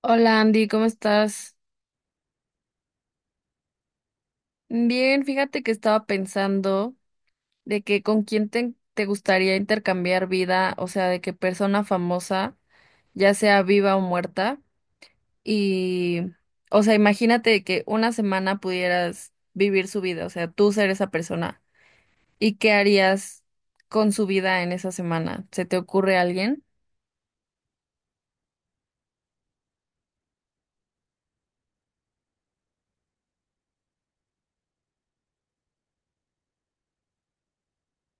Hola Andy, ¿cómo estás? Bien, fíjate que estaba pensando de que con quién te gustaría intercambiar vida, o sea, de qué persona famosa, ya sea viva o muerta, y, o sea, imagínate de que una semana pudieras vivir su vida, o sea, tú ser esa persona, ¿y qué harías con su vida en esa semana? ¿Se te ocurre alguien?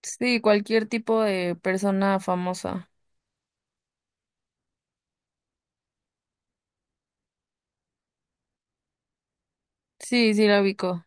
Sí, cualquier tipo de persona famosa. Sí, sí, la ubico.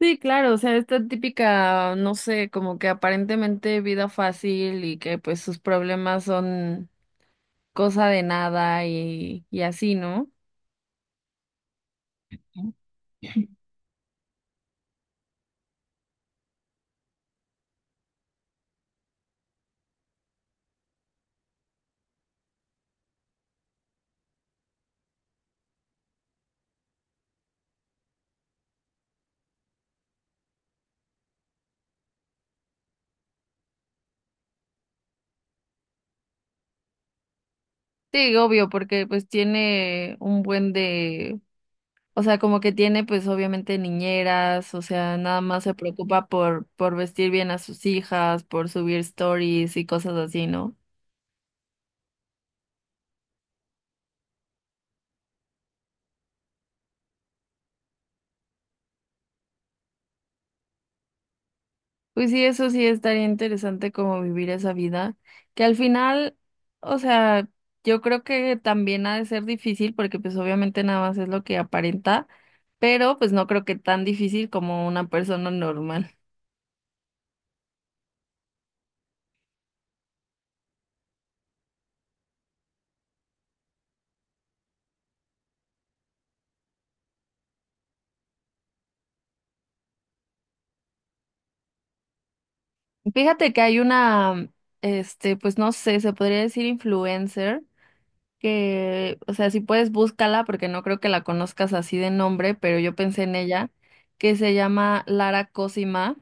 Sí, claro, o sea, esta típica, no sé, como que aparentemente vida fácil y que pues sus problemas son cosa de nada y así, ¿no? Sí, obvio, porque pues tiene un buen de, o sea, como que tiene pues obviamente niñeras, o sea, nada más se preocupa por vestir bien a sus hijas, por subir stories y cosas así, ¿no? Pues sí, eso sí estaría interesante como vivir esa vida, que al final, o sea, yo creo que también ha de ser difícil porque pues obviamente nada más es lo que aparenta, pero pues no creo que tan difícil como una persona normal. Fíjate que hay una, este, pues no sé, se podría decir influencer, que, o sea, si puedes búscala porque no creo que la conozcas así de nombre, pero yo pensé en ella, que se llama Lara Cosima.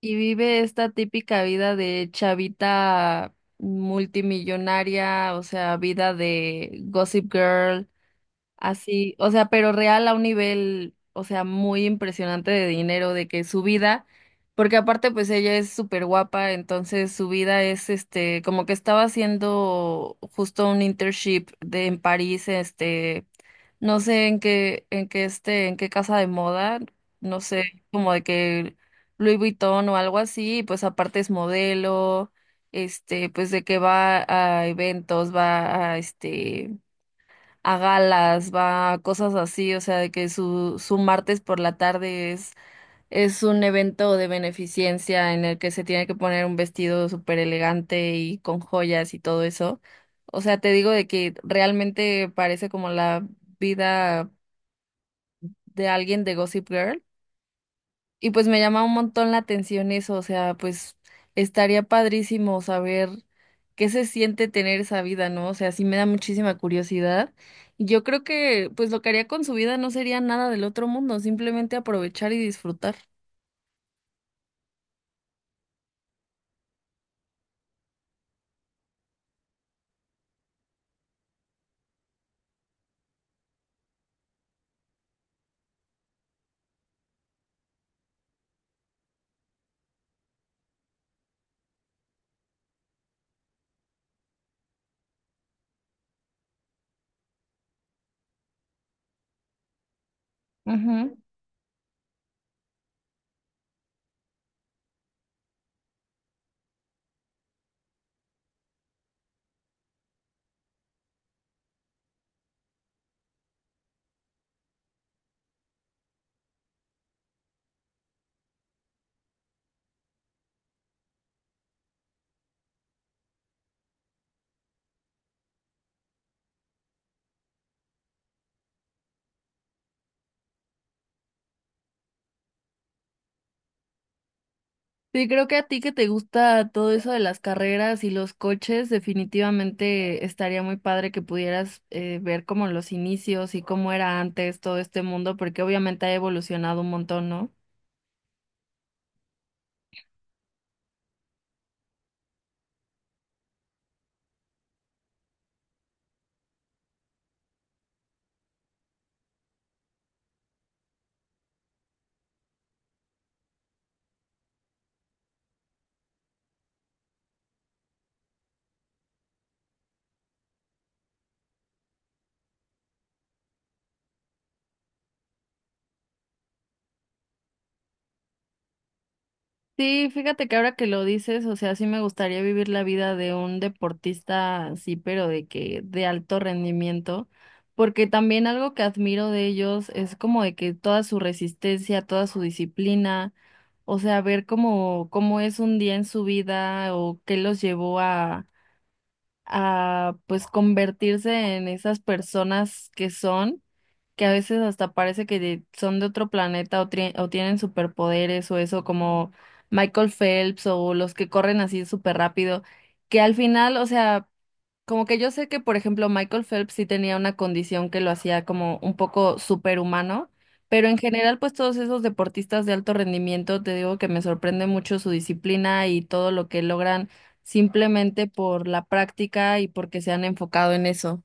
Y vive esta típica vida de chavita multimillonaria, o sea, vida de Gossip Girl, así, o sea, pero real a un nivel, o sea, muy impresionante de dinero, de que su vida, porque aparte pues ella es súper guapa, entonces su vida es este, como que estaba haciendo justo un internship de en París, este, no sé en qué este, en qué casa de moda, no sé, como de que Louis Vuitton o algo así, y pues aparte es modelo, este, pues de que va a eventos, va a este a galas, va a cosas así, o sea, de que su martes por la tarde es un evento de beneficencia en el que se tiene que poner un vestido súper elegante y con joyas y todo eso. O sea, te digo de que realmente parece como la vida de alguien de Gossip Girl. Y pues me llama un montón la atención eso, o sea, pues estaría padrísimo saber qué se siente tener esa vida, ¿no? O sea, sí me da muchísima curiosidad. Y yo creo que pues lo que haría con su vida no sería nada del otro mundo, simplemente aprovechar y disfrutar. Ujú. Sí, creo que a ti que te gusta todo eso de las carreras y los coches, definitivamente estaría muy padre que pudieras ver como los inicios y cómo era antes todo este mundo, porque obviamente ha evolucionado un montón, ¿no? Sí, fíjate que ahora que lo dices, o sea, sí me gustaría vivir la vida de un deportista, sí, pero de que de alto rendimiento, porque también algo que admiro de ellos es como de que toda su resistencia, toda su disciplina, o sea, ver cómo es un día en su vida o qué los llevó a pues convertirse en esas personas que son, que a veces hasta parece que son de otro planeta o, o tienen superpoderes o eso, como Michael Phelps o los que corren así súper rápido, que al final, o sea... Como que yo sé que, por ejemplo, Michael Phelps sí tenía una condición que lo hacía como un poco superhumano, pero en general, pues todos esos deportistas de alto rendimiento, te digo que me sorprende mucho su disciplina y todo lo que logran simplemente por la práctica y porque se han enfocado en eso.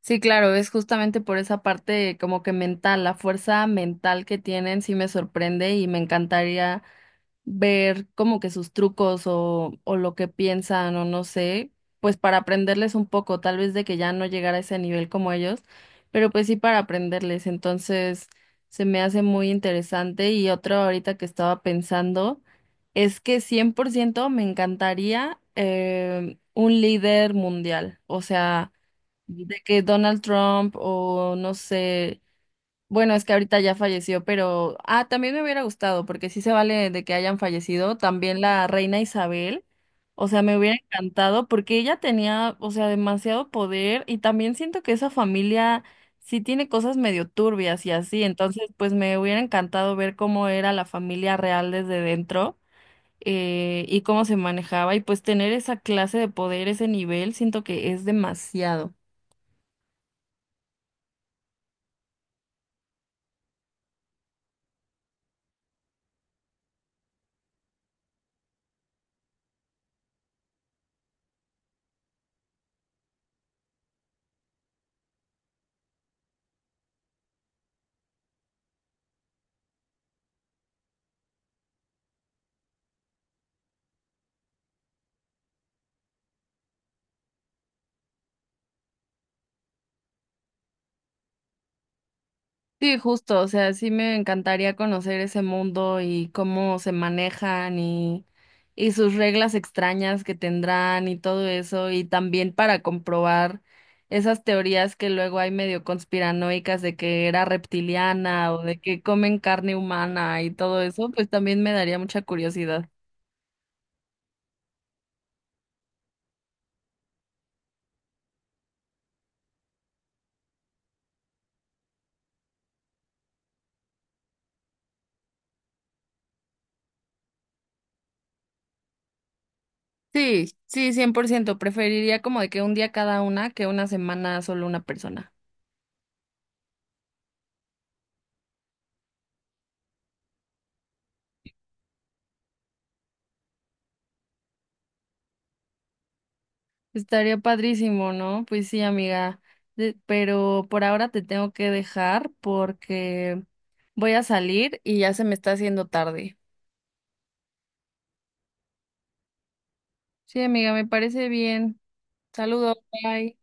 Sí, claro, es justamente por esa parte como que mental, la fuerza mental que tienen, sí me sorprende y me encantaría ver como que sus trucos o lo que piensan o no sé, pues para aprenderles un poco, tal vez de que ya no llegara a ese nivel como ellos, pero pues sí para aprenderles. Entonces se me hace muy interesante y otro ahorita que estaba pensando es que 100% me encantaría un líder mundial, o sea, de que Donald Trump o no sé. Bueno, es que ahorita ya falleció, pero también me hubiera gustado, porque sí se vale de que hayan fallecido, también la reina Isabel. O sea, me hubiera encantado porque ella tenía, o sea, demasiado poder y también siento que esa familia sí tiene cosas medio turbias y así, entonces pues me hubiera encantado ver cómo era la familia real desde dentro y cómo se manejaba y pues tener esa clase de poder, ese nivel, siento que es demasiado. Sí, justo, o sea, sí me encantaría conocer ese mundo y cómo se manejan y sus reglas extrañas que tendrán y todo eso, y también para comprobar esas teorías que luego hay medio conspiranoicas de que era reptiliana o de que comen carne humana y todo eso, pues también me daría mucha curiosidad. Sí, sí, 100%. Preferiría como de que un día cada una que una semana solo una persona. Estaría padrísimo, ¿no? Pues sí, amiga. Pero por ahora te tengo que dejar porque voy a salir y ya se me está haciendo tarde. Sí, amiga, me parece bien. Saludos, bye.